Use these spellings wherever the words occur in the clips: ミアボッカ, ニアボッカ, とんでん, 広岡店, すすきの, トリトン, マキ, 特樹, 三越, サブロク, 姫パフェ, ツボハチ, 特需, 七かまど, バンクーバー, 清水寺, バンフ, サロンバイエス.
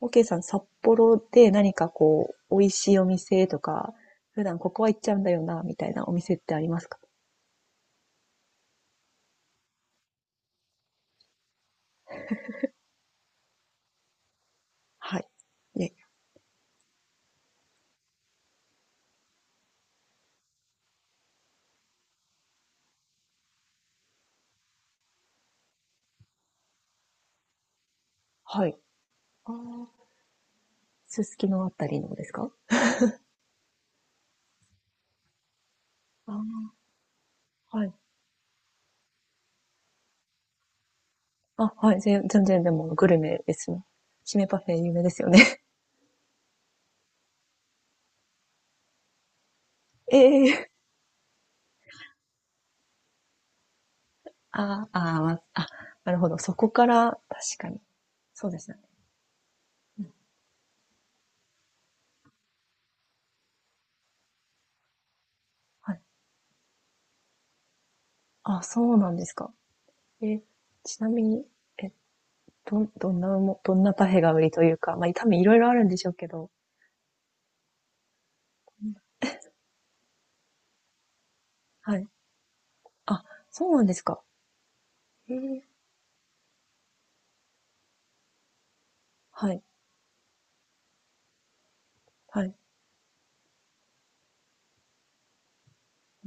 OK さん、札幌で何かこう、美味しいお店とか、普段ここは行っちゃうんだよな、みたいなお店ってありますか？はい。で、はい。ああ、すすきのあたりのですか？ああ、はい。あ、はい。全然でもグルメですね。姫パフェ有名ですよね。ええ。ああ、あーまあ、なるほど。そこから、確かに。そうですね。うん、はい。あ、そうなんですか。え、ちなみに、え、どんなパフェが売りというか、まあ、多分いろいろあるんでしょうけど、はい。あ、そうなんですか。へえ。はい、はい。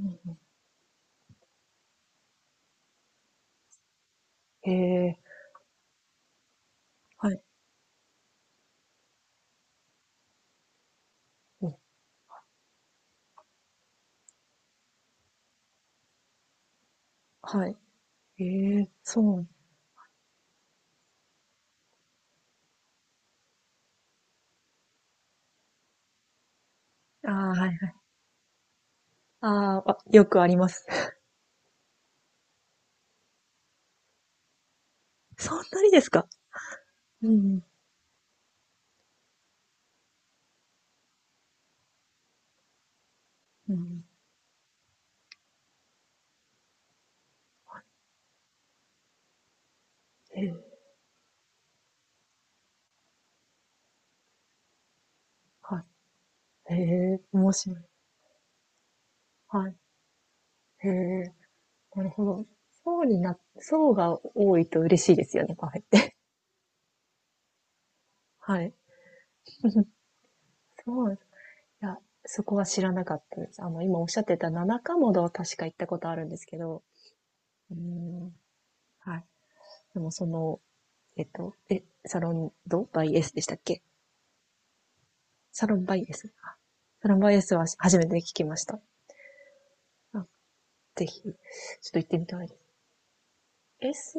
うんうん。へえ。はい。うん。はい。ええ、そう。ああ、はいはいうんうんへえはいうんはいへえそうああ、あ、よくあります。そんなにですか？うんうん。うんへえ、はい。へえ、面白い。はい。へえ、なるほど。層にな層が多いと嬉しいですよね、カフェって。はい。そうなんです。いや、そこは知らなかったです。今おっしゃってた七かまどは確か行ったことあるんですけど。うーん、はい。でもサロンドバイエスでしたっけ？サロンバイエスサロンバイエスは初めて聞きました。あ、ぜひ、ちょっと行ってみたいです。S、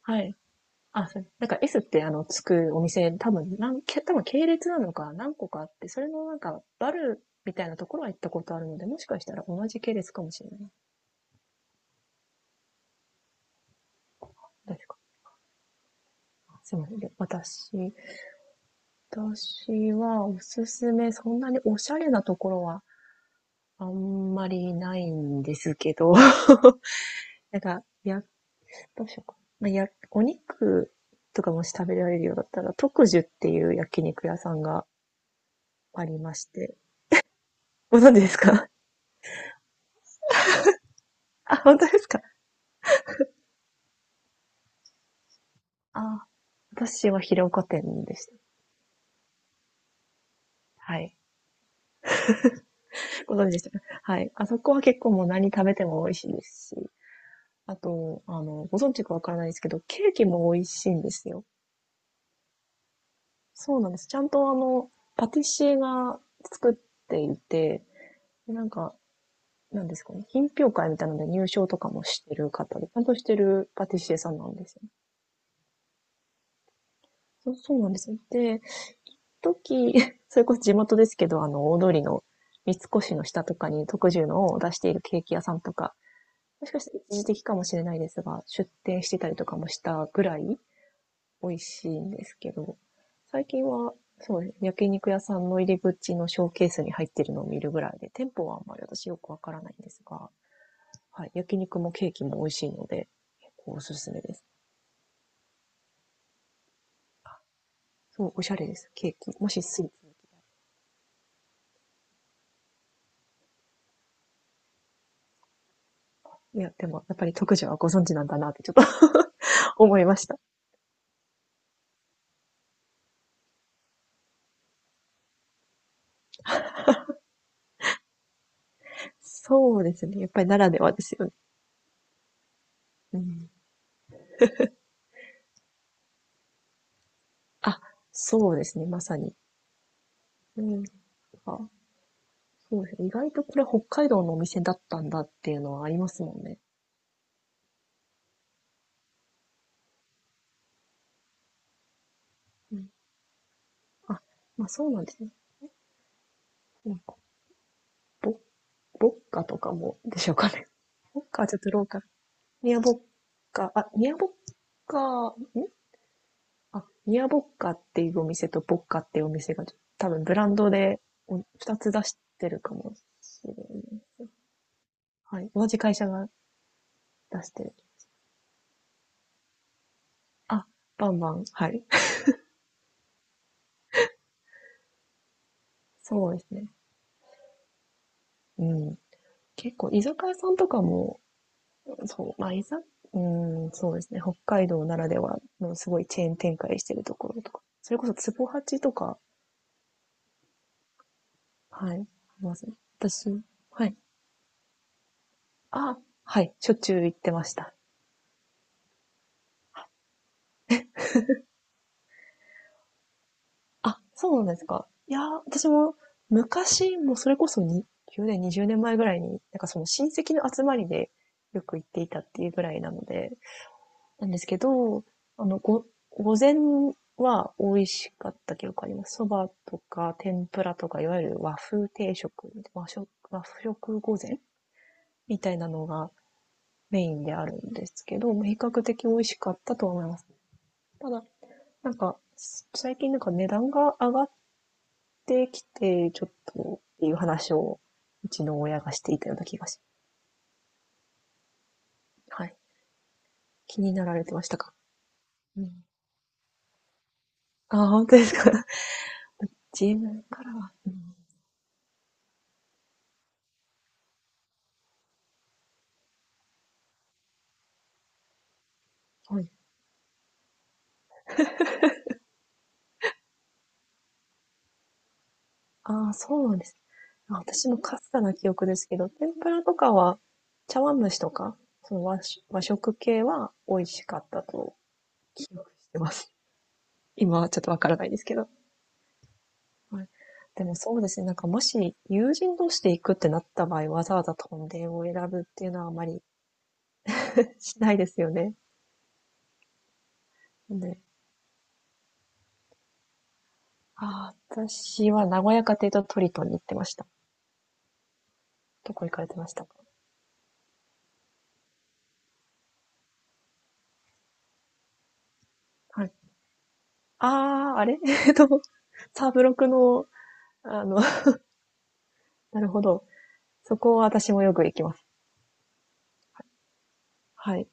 はい。あ、そうなんか S ってあの、つくお店、多分系列なのか何個かあって、それのなんか、バルみたいなところは行ったことあるので、もしかしたら同じ系列かもしれない。確かな。すみません。私はおすすめ、そんなにおしゃれなところはあんまりないんですけど、なんか、や、どうしようか。まあ、や、お肉とかもし食べられるようだったら、特樹っていう焼肉屋さんがありまして。ご存知ですか？ あ、本当ですか？あ、私は広岡店でした。はい。ご存知でしたか？はい。あそこは結構もう何食べても美味しいですし、あと、ご存知かわからないですけど、ケーキも美味しいんですよ。そうなんです。ちゃんとパティシエが作っていて、でなんか、なんですかね、品評会みたいなので入賞とかもしてる方で、ちゃんとしてるパティシエさんなんですよね。そうそうなんですよね。で、時、それこそ地元ですけど、大通りの三越の下とかに特需のを出しているケーキ屋さんとか、もしかしたら一時的かもしれないですが、出店してたりとかもしたぐらい美味しいんですけど、最近は、そうですね、焼肉屋さんの入り口のショーケースに入ってるのを見るぐらいで、店舗はあんまり私よくわからないんですが、はい。焼肉もケーキも美味しいので、結構おすすめです。そう、おしゃれです。ケーキ。もしスイーツ。いや、でも、やっぱり特需はご存知なんだなってちょっと 思いました。そうですね。やっぱりならではですよね。うん。あ、そうですね。まさに。うん。あ、そうですね。意外とこれ北海道のお店だったんだっていうのはありますもんね。うん。あ、まあそうなんですね。なんか、ボッ、ボッカとかもでしょうかね。ボッカはちょっとローカル。ニアボッカ、あ、ニアボッカ、んあ、ミアボッカっていうお店とボッカっていうお店が、多分ブランドでお二つ出してるかもしれないです。はい。同じ会社が出してる。あ、バンバン。はい。そうですね。うん。結構、居酒屋さんとかも、そう、まあ、いざ、うん、そうですね。北海道ならではのすごいチェーン展開してるところとか。それこそ、ツボハチとか、はい、いますね。私、はい。あ、はい。しょっちゅう行ってました。あ、そうなんですか。いやー、私も昔、もうそれこそに1年、20年前ぐらいに、なんかその親戚の集まりでよく行っていたっていうぐらいなので、なんですけど、あの、ご、午前は美味しかった記憶あります。そばとか天ぷらとか、いわゆる和風定食、和食午前みたいなのがメインであるんですけど、まあ比較的美味しかったとは思います。ただ、なんか、最近なんか値段が上がっってきて、ちょっとっていう話を、うちの親がしていたような気がします、はい。気になられてましたか？うん。あ、本当ですか？ 自分からは。うん、はい。ああ、そうなんです。あ私もかすかな記憶ですけど、天ぷらとかは、茶碗蒸しとか、その和食和食系は美味しかったと記憶してます。今はちょっとわからないですけど。はい。でもそうですね、なんかもし友人同士で行くってなった場合、わざわざとんでんを選ぶっていうのはあまり しないですよね。なんで、ああ、私は名古屋家庭とトリトンに行ってました。どこ行かれてましたか？はい。ああ、あれ えっと、サブロクの、あの、なるほど。そこは私もよく行きます。はい。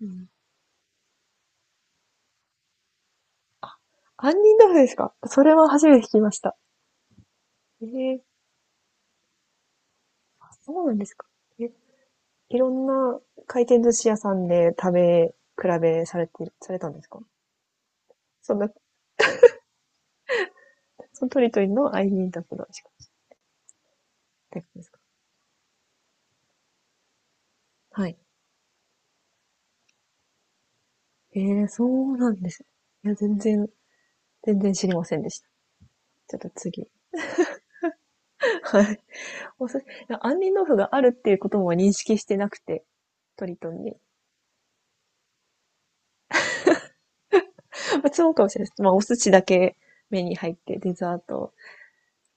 うん。杏仁豆腐ですか？それは初めて聞きました。ええあ、そうなんですか。え、いろんな回転寿司屋さんで食べ比べされたんですか？そんな、そのトリトリの杏仁豆腐の味かってことですか？はい。ええそうなんです。いや、全然知りませんでした。ちょっと次。はい。お寿杏仁豆腐があるっていうことも認識してなくて、トリトンに。まあ、そうかもしれないです。まあ、お寿司だけ目に入って、デザート。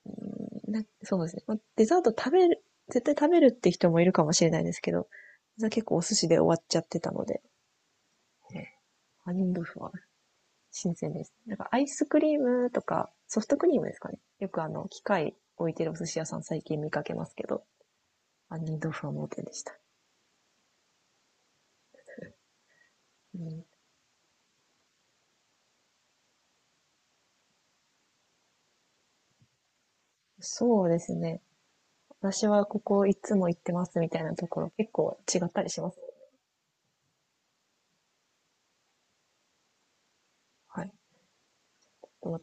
うんなそうですね。まあ、デザート食べる、絶対食べるって人もいるかもしれないですけど、結構お寿司で終わっちゃってたので、杏仁豆腐は新鮮です。なんかアイスクリームとか、ソフトクリームですかね。よく機械置いてるお寿司屋さん最近見かけますけど、杏仁豆腐は盲点でした。うん、そうですね。私はここいつも行ってますみたいなところ結構違ったりします。はい。